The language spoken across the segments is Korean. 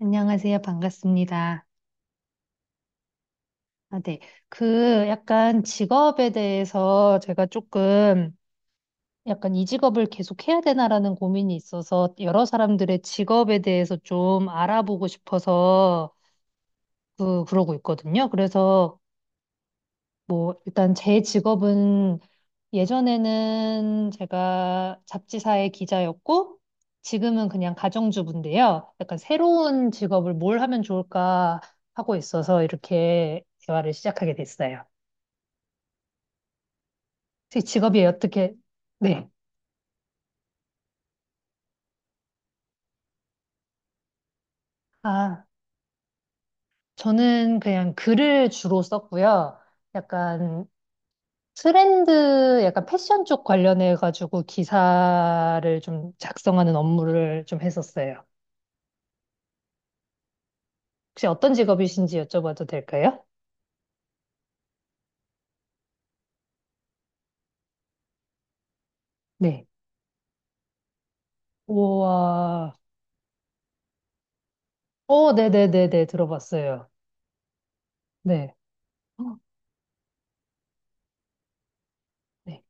안녕하세요. 반갑습니다. 아, 네. 약간 직업에 대해서 제가 조금 약간 이 직업을 계속 해야 되나라는 고민이 있어서 여러 사람들의 직업에 대해서 좀 알아보고 싶어서 그러고 있거든요. 그래서 뭐 일단 제 직업은 예전에는 제가 잡지사의 기자였고 지금은 그냥 가정주부인데요. 약간 새로운 직업을 뭘 하면 좋을까 하고 있어서 이렇게 대화를 시작하게 됐어요. 제 직업이 어떻게, 네. 아, 저는 그냥 글을 주로 썼고요. 약간 트렌드, 약간 패션 쪽 관련해가지고 기사를 좀 작성하는 업무를 좀 했었어요. 혹시 어떤 직업이신지 여쭤봐도 될까요? 네. 우와. 어, 네네네네. 들어봤어요. 네. 어, 네.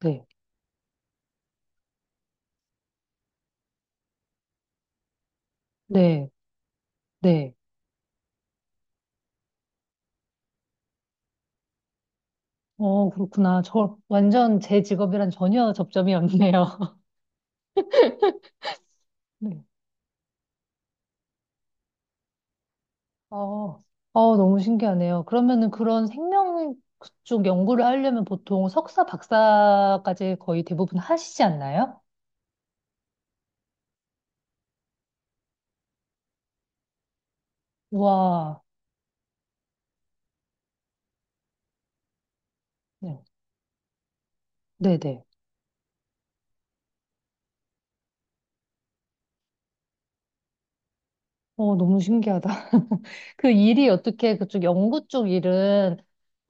네. 네. 네. 어, 그렇구나. 저 완전 제 직업이랑 전혀 접점이 없네요. 네. 어, 어, 너무 신기하네요. 그러면은 그런 생명 쪽 연구를 하려면 보통 석사, 박사까지 거의 대부분 하시지 않나요? 와, 네, 네네. 어, 너무 신기하다. 그 일이 어떻게 그쪽 연구 쪽 일은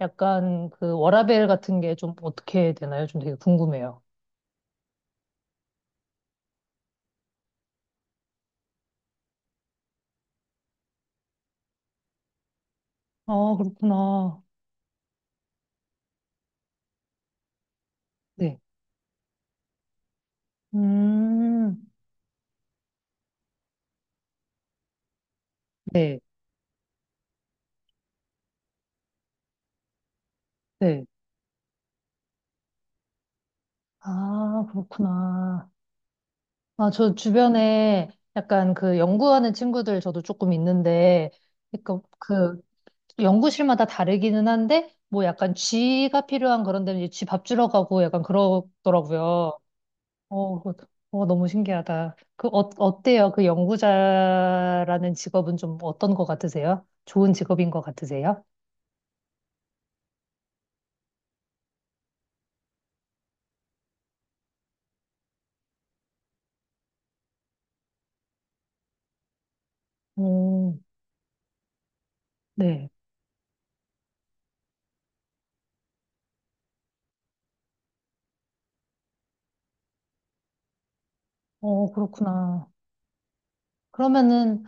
약간 그 워라밸 같은 게 좀 어떻게 되나요? 좀 되게 궁금해요. 아, 그렇구나. 네. 음, 네, 네. 아, 그렇구나. 아, 저 주변에 약간 그 연구하는 친구들 저도 조금 있는데, 그 연구실마다 다르기는 한데, 뭐 약간 쥐가 필요한 그런 데는 이제 쥐밥 주러 가고 약간 그러더라고요. 어, 그- 어, 너무 신기하다. 그, 어, 어때요? 그 연구자라는 직업은 좀 어떤 것 같으세요? 좋은 직업인 것 같으세요? 음, 네. 어, 그렇구나. 그러면은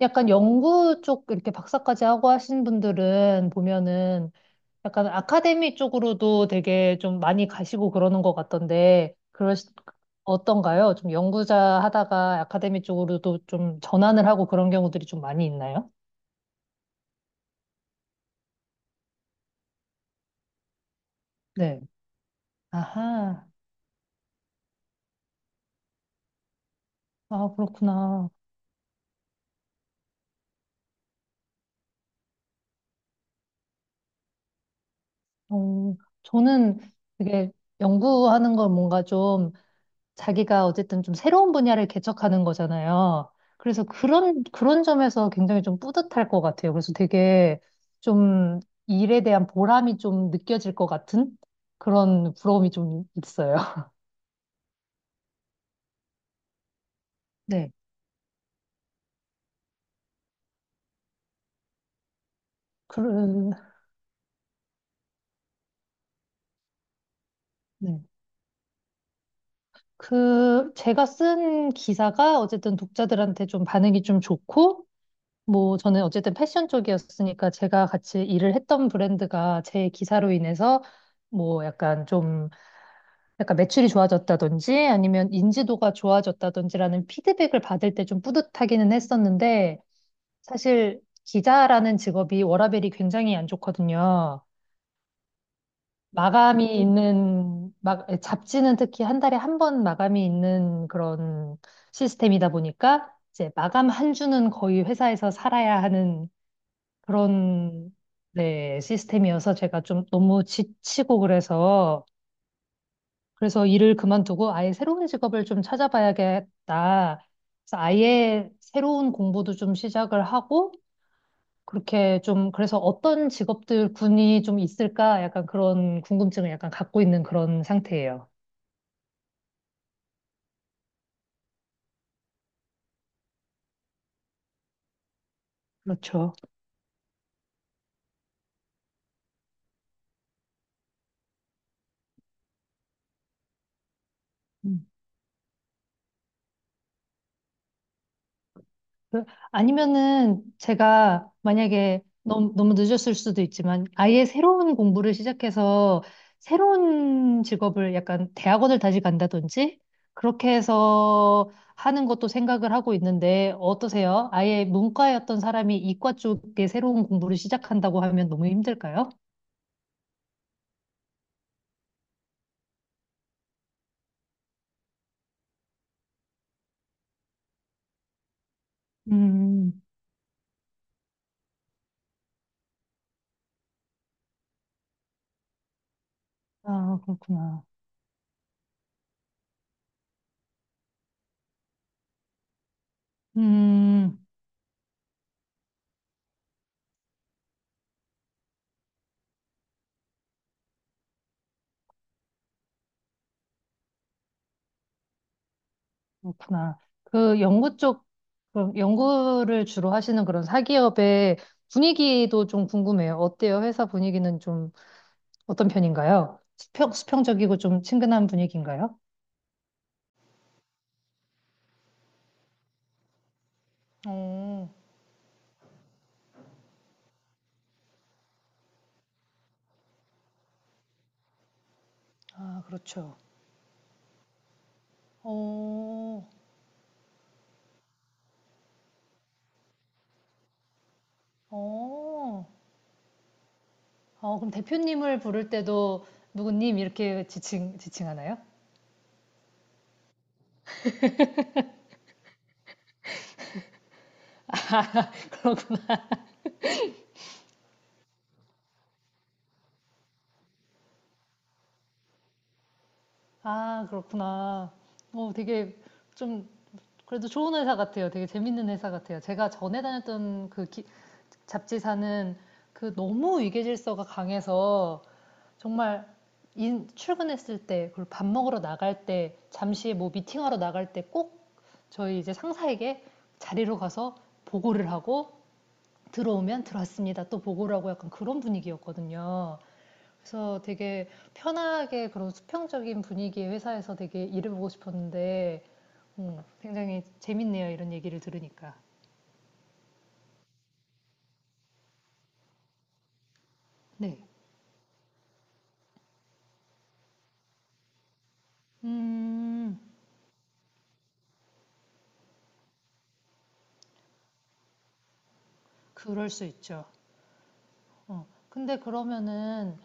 약간 연구 쪽 이렇게 박사까지 하고 하신 분들은 보면은 약간 아카데미 쪽으로도 되게 좀 많이 가시고 그러는 것 같던데, 그러 어떤가요? 좀 연구자 하다가 아카데미 쪽으로도 좀 전환을 하고 그런 경우들이 좀 많이 있나요? 네. 아하. 아, 그렇구나. 어, 저는 되게 연구하는 걸 뭔가 좀 자기가 어쨌든 좀 새로운 분야를 개척하는 거잖아요. 그래서 그런, 그런 점에서 굉장히 좀 뿌듯할 것 같아요. 그래서 되게 좀 일에 대한 보람이 좀 느껴질 것 같은 그런 부러움이 좀 있어요. 네. 그, 네. 그, 제가 쓴 기사가 어쨌든 독자들한테 좀 반응이 좀 좋고, 뭐, 저는 어쨌든 패션 쪽이었으니까 제가 같이 일을 했던 브랜드가 제 기사로 인해서 뭐 약간 좀 약간 매출이 좋아졌다든지 아니면 인지도가 좋아졌다든지라는 피드백을 받을 때 좀 뿌듯하기는 했었는데 사실 기자라는 직업이 워라밸이 굉장히 안 좋거든요. 마감이 있는, 막, 잡지는 특히 한 달에 한 번 마감이 있는 그런 시스템이다 보니까 이제 마감 한 주는 거의 회사에서 살아야 하는 그런 네, 시스템이어서 제가 좀 너무 지치고 그래서 그래서 일을 그만두고 아예 새로운 직업을 좀 찾아봐야겠다. 그래서 아예 새로운 공부도 좀 시작을 하고, 그렇게 좀, 그래서 어떤 직업들 군이 좀 있을까? 약간 그런 궁금증을 약간 갖고 있는 그런 상태예요. 그렇죠. 그- 아니면은 제가 만약에 너무, 너무 늦었을 수도 있지만 아예 새로운 공부를 시작해서 새로운 직업을 약간 대학원을 다시 간다든지 그렇게 해서 하는 것도 생각을 하고 있는데 어떠세요? 아예 문과였던 사람이 이과 쪽에 새로운 공부를 시작한다고 하면 너무 힘들까요? 음, 아, 그렇구나. 음. 그렇구나. 그 연구 쪽, 그럼 연구를 주로 하시는 그런 사기업의 분위기도 좀 궁금해요. 어때요? 회사 분위기는 좀 어떤 편인가요? 수평적이고 좀 친근한 분위기인가요? 어, 아, 그렇죠. 어, 어, 어, 그럼 대표님을 부를 때도 누구님 이렇게 지칭하나요? 아, 그렇구나. 어, 되게 좀 그래도 좋은 회사 같아요. 되게 재밌는 회사 같아요. 제가 전에 다녔던 잡지사는 그 너무 위계질서가 강해서 정말 출근했을 때, 그리고 밥 먹으러 나갈 때, 잠시 뭐 미팅하러 나갈 때 꼭 저희 이제 상사에게 자리로 가서 보고를 하고 들어오면 들어왔습니다. 또 보고를 하고 약간 그런 분위기였거든요. 그래서 되게 편하게 그런 수평적인 분위기의 회사에서 되게 일을 보고 싶었는데 굉장히 재밌네요. 이런 얘기를 들으니까. 네. 음, 그럴 수 있죠. 어, 근데 그러면은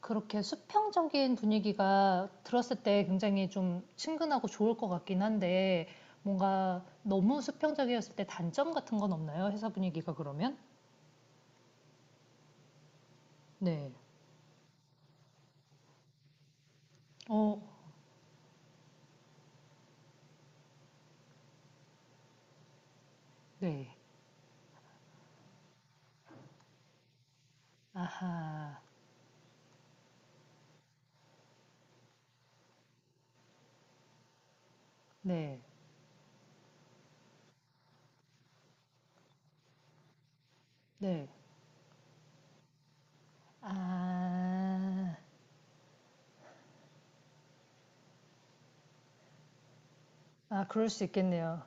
그렇게 수평적인 분위기가 들었을 때 굉장히 좀 친근하고 좋을 것 같긴 한데 뭔가 너무 수평적이었을 때 단점 같은 건 없나요? 회사 분위기가 그러면? 네. 어, 네. 아하. 네. 네. 아. 아, 그럴 수 있겠네요.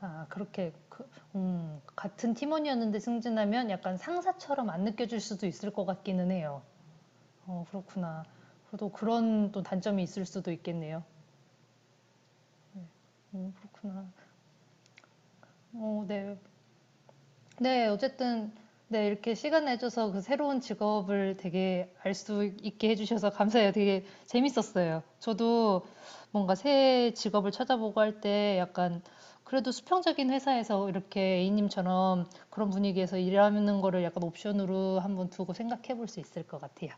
아, 그렇게 그, 같은 팀원이었는데 승진하면 약간 상사처럼 안 느껴질 수도 있을 것 같기는 해요. 어, 그렇구나. 그래도 그런 또 단점이 있을 수도 있겠네요. 어, 그렇구나. 어, 네. 네, 어쨌든, 네, 이렇게 시간 내줘서 그 새로운 직업을 되게 알 수 있게 해주셔서 감사해요. 되게 재밌었어요. 저도 뭔가 새 직업을 찾아보고 할 때 약간 그래도 수평적인 회사에서 이렇게 A님처럼 그런 분위기에서 일하는 거를 약간 옵션으로 한번 두고 생각해 볼 수 있을 것 같아요.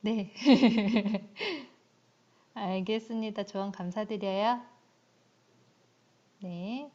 네, 알겠습니다. 조언 감사드려요. 네.